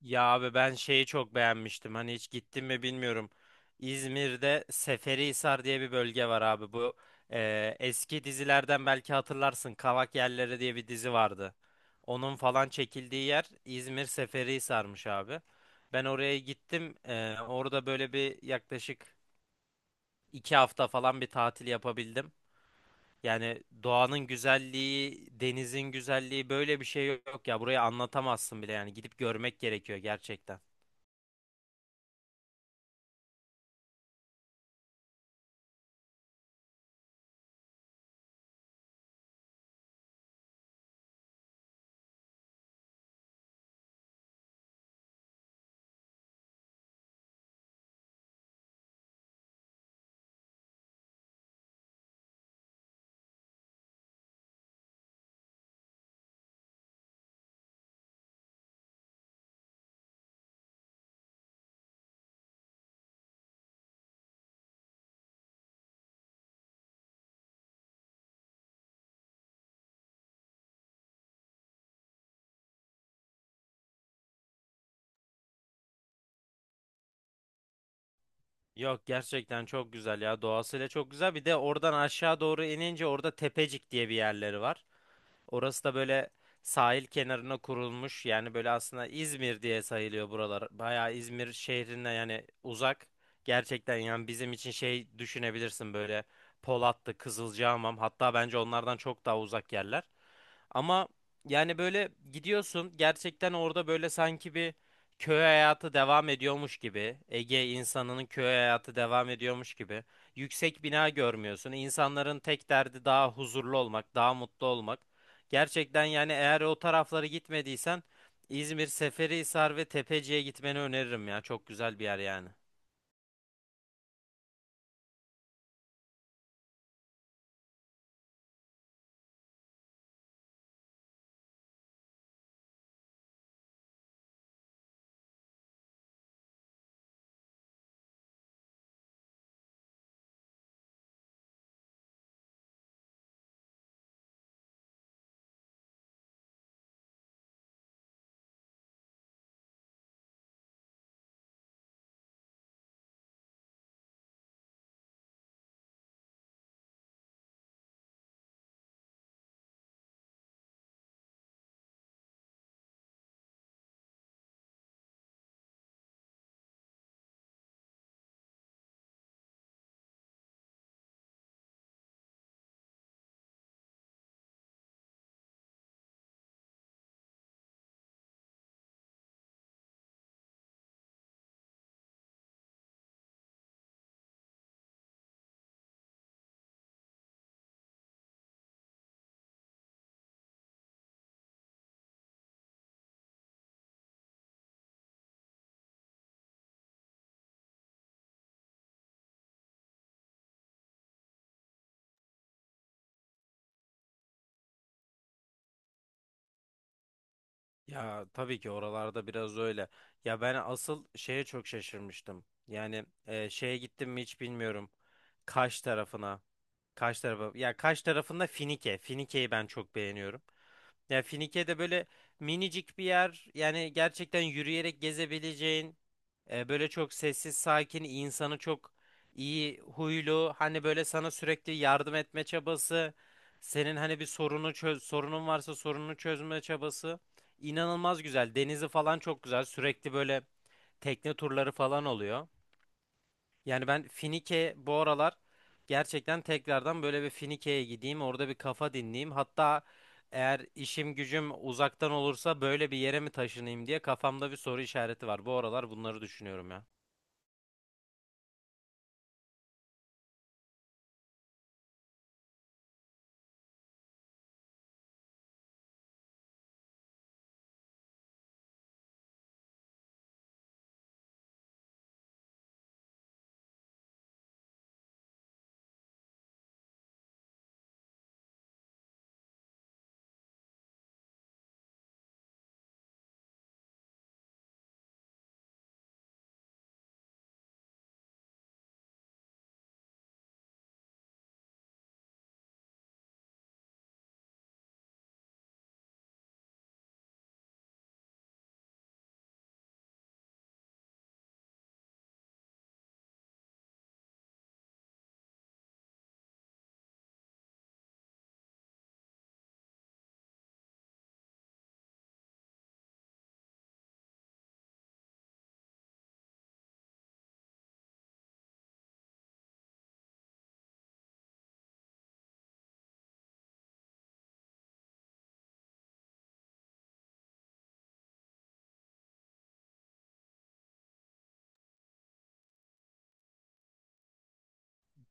Ya abi ben şeyi çok beğenmiştim. Hani hiç gittim mi bilmiyorum. İzmir'de Seferihisar diye bir bölge var abi. Bu eski dizilerden belki hatırlarsın. Kavak Yerleri diye bir dizi vardı. Onun falan çekildiği yer İzmir Seferihisar'mış abi. Ben oraya gittim. Orada böyle bir yaklaşık iki hafta falan bir tatil yapabildim. Yani doğanın güzelliği, denizin güzelliği böyle bir şey yok ya. Burayı anlatamazsın bile yani. Gidip görmek gerekiyor gerçekten. Yok gerçekten çok güzel ya, doğasıyla çok güzel. Bir de oradan aşağı doğru inince orada Tepecik diye bir yerleri var. Orası da böyle sahil kenarına kurulmuş. Yani böyle aslında İzmir diye sayılıyor buralar. Bayağı İzmir şehrine yani uzak. Gerçekten yani bizim için şey düşünebilirsin, böyle Polatlı, Kızılcahamam, hatta bence onlardan çok daha uzak yerler. Ama yani böyle gidiyorsun, gerçekten orada böyle sanki bir köy hayatı devam ediyormuş gibi, Ege insanının köy hayatı devam ediyormuş gibi. Yüksek bina görmüyorsun. İnsanların tek derdi daha huzurlu olmak, daha mutlu olmak. Gerçekten yani eğer o taraflara gitmediysen İzmir, Seferihisar ve Tepeci'ye gitmeni öneririm ya. Çok güzel bir yer yani. Ya tabii ki oralarda biraz öyle. Ya ben asıl şeye çok şaşırmıştım. Yani şeye gittim mi hiç bilmiyorum. Kaş tarafına. Kaş tarafı. Ya Kaş tarafında Finike. Finike'yi ben çok beğeniyorum. Ya Finike'de böyle minicik bir yer. Yani gerçekten yürüyerek gezebileceğin. Böyle çok sessiz, sakin, insanı çok iyi huylu. Hani böyle sana sürekli yardım etme çabası. Senin hani bir sorunu çöz, sorunun varsa sorununu çözme çabası. İnanılmaz güzel. Denizi falan çok güzel. Sürekli böyle tekne turları falan oluyor. Yani ben Finike bu aralar gerçekten tekrardan, böyle bir Finike'ye gideyim. Orada bir kafa dinleyeyim. Hatta eğer işim gücüm uzaktan olursa böyle bir yere mi taşınayım diye kafamda bir soru işareti var. Bu aralar bunları düşünüyorum ya.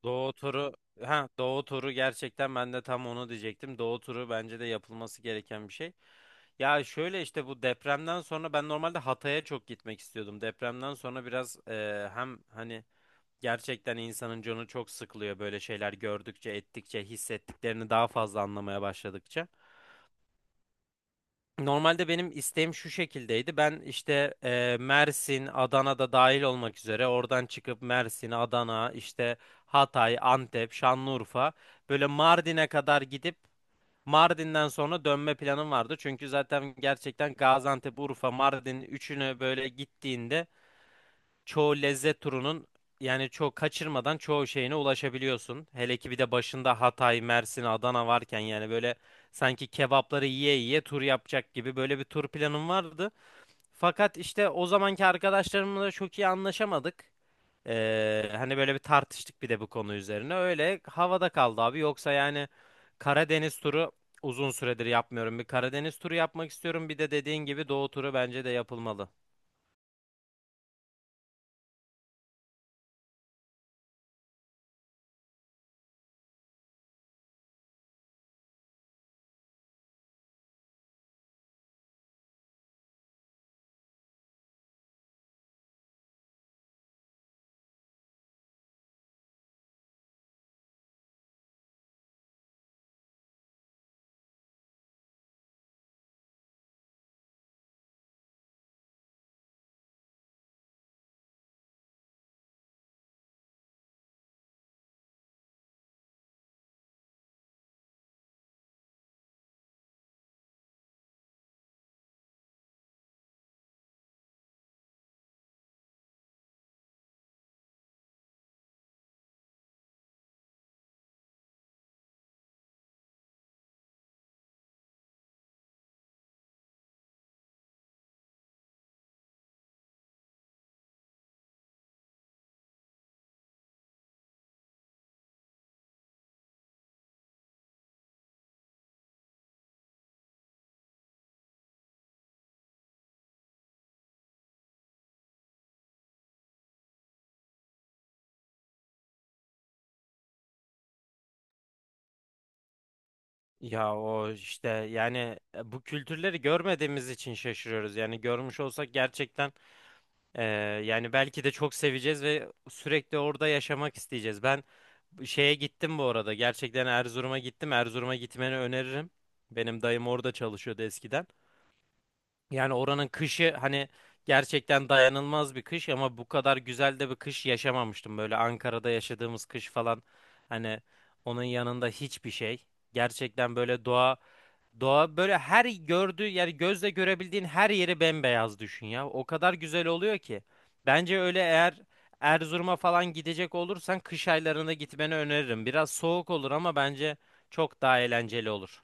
Doğu turu, ha Doğu turu, gerçekten ben de tam onu diyecektim. Doğu turu bence de yapılması gereken bir şey. Ya şöyle işte bu depremden sonra ben normalde Hatay'a çok gitmek istiyordum. Depremden sonra biraz hem hani gerçekten insanın canı çok sıkılıyor böyle şeyler gördükçe, ettikçe, hissettiklerini daha fazla anlamaya başladıkça. Normalde benim isteğim şu şekildeydi. Ben işte Mersin, Adana'da dahil olmak üzere oradan çıkıp Mersin, Adana, işte Hatay, Antep, Şanlıurfa, böyle Mardin'e kadar gidip Mardin'den sonra dönme planım vardı. Çünkü zaten gerçekten Gaziantep, Urfa, Mardin üçünü böyle gittiğinde çoğu lezzet turunun, yani çoğu kaçırmadan çoğu şeyine ulaşabiliyorsun. Hele ki bir de başında Hatay, Mersin, Adana varken, yani böyle sanki kebapları yiye yiye tur yapacak gibi böyle bir tur planım vardı. Fakat işte o zamanki arkadaşlarımla da çok iyi anlaşamadık. Hani böyle bir tartıştık bir de bu konu üzerine. Öyle havada kaldı abi. Yoksa yani Karadeniz turu uzun süredir yapmıyorum. Bir Karadeniz turu yapmak istiyorum. Bir de dediğin gibi Doğu turu bence de yapılmalı. Ya o işte yani, bu kültürleri görmediğimiz için şaşırıyoruz. Yani görmüş olsak gerçekten, e, yani belki de çok seveceğiz ve sürekli orada yaşamak isteyeceğiz. Ben bu şeye gittim bu arada. Gerçekten Erzurum'a gittim. Erzurum'a gitmeni öneririm. Benim dayım orada çalışıyordu eskiden. Yani oranın kışı, hani gerçekten dayanılmaz bir kış, ama bu kadar güzel de bir kış yaşamamıştım. Böyle Ankara'da yaşadığımız kış falan, hani onun yanında hiçbir şey. Gerçekten böyle Doğa böyle her gördüğü, yani gözle görebildiğin her yeri bembeyaz düşün ya. O kadar güzel oluyor ki. Bence öyle, eğer Erzurum'a falan gidecek olursan kış aylarında gitmeni öneririm. Biraz soğuk olur ama bence çok daha eğlenceli olur.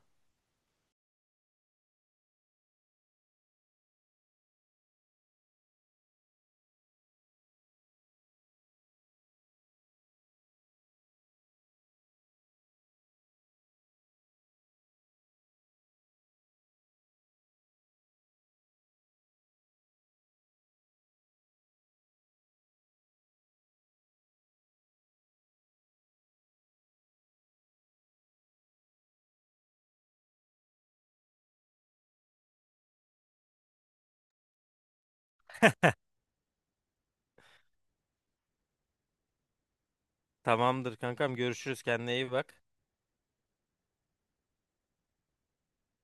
Tamamdır kankam, görüşürüz, kendine iyi bak.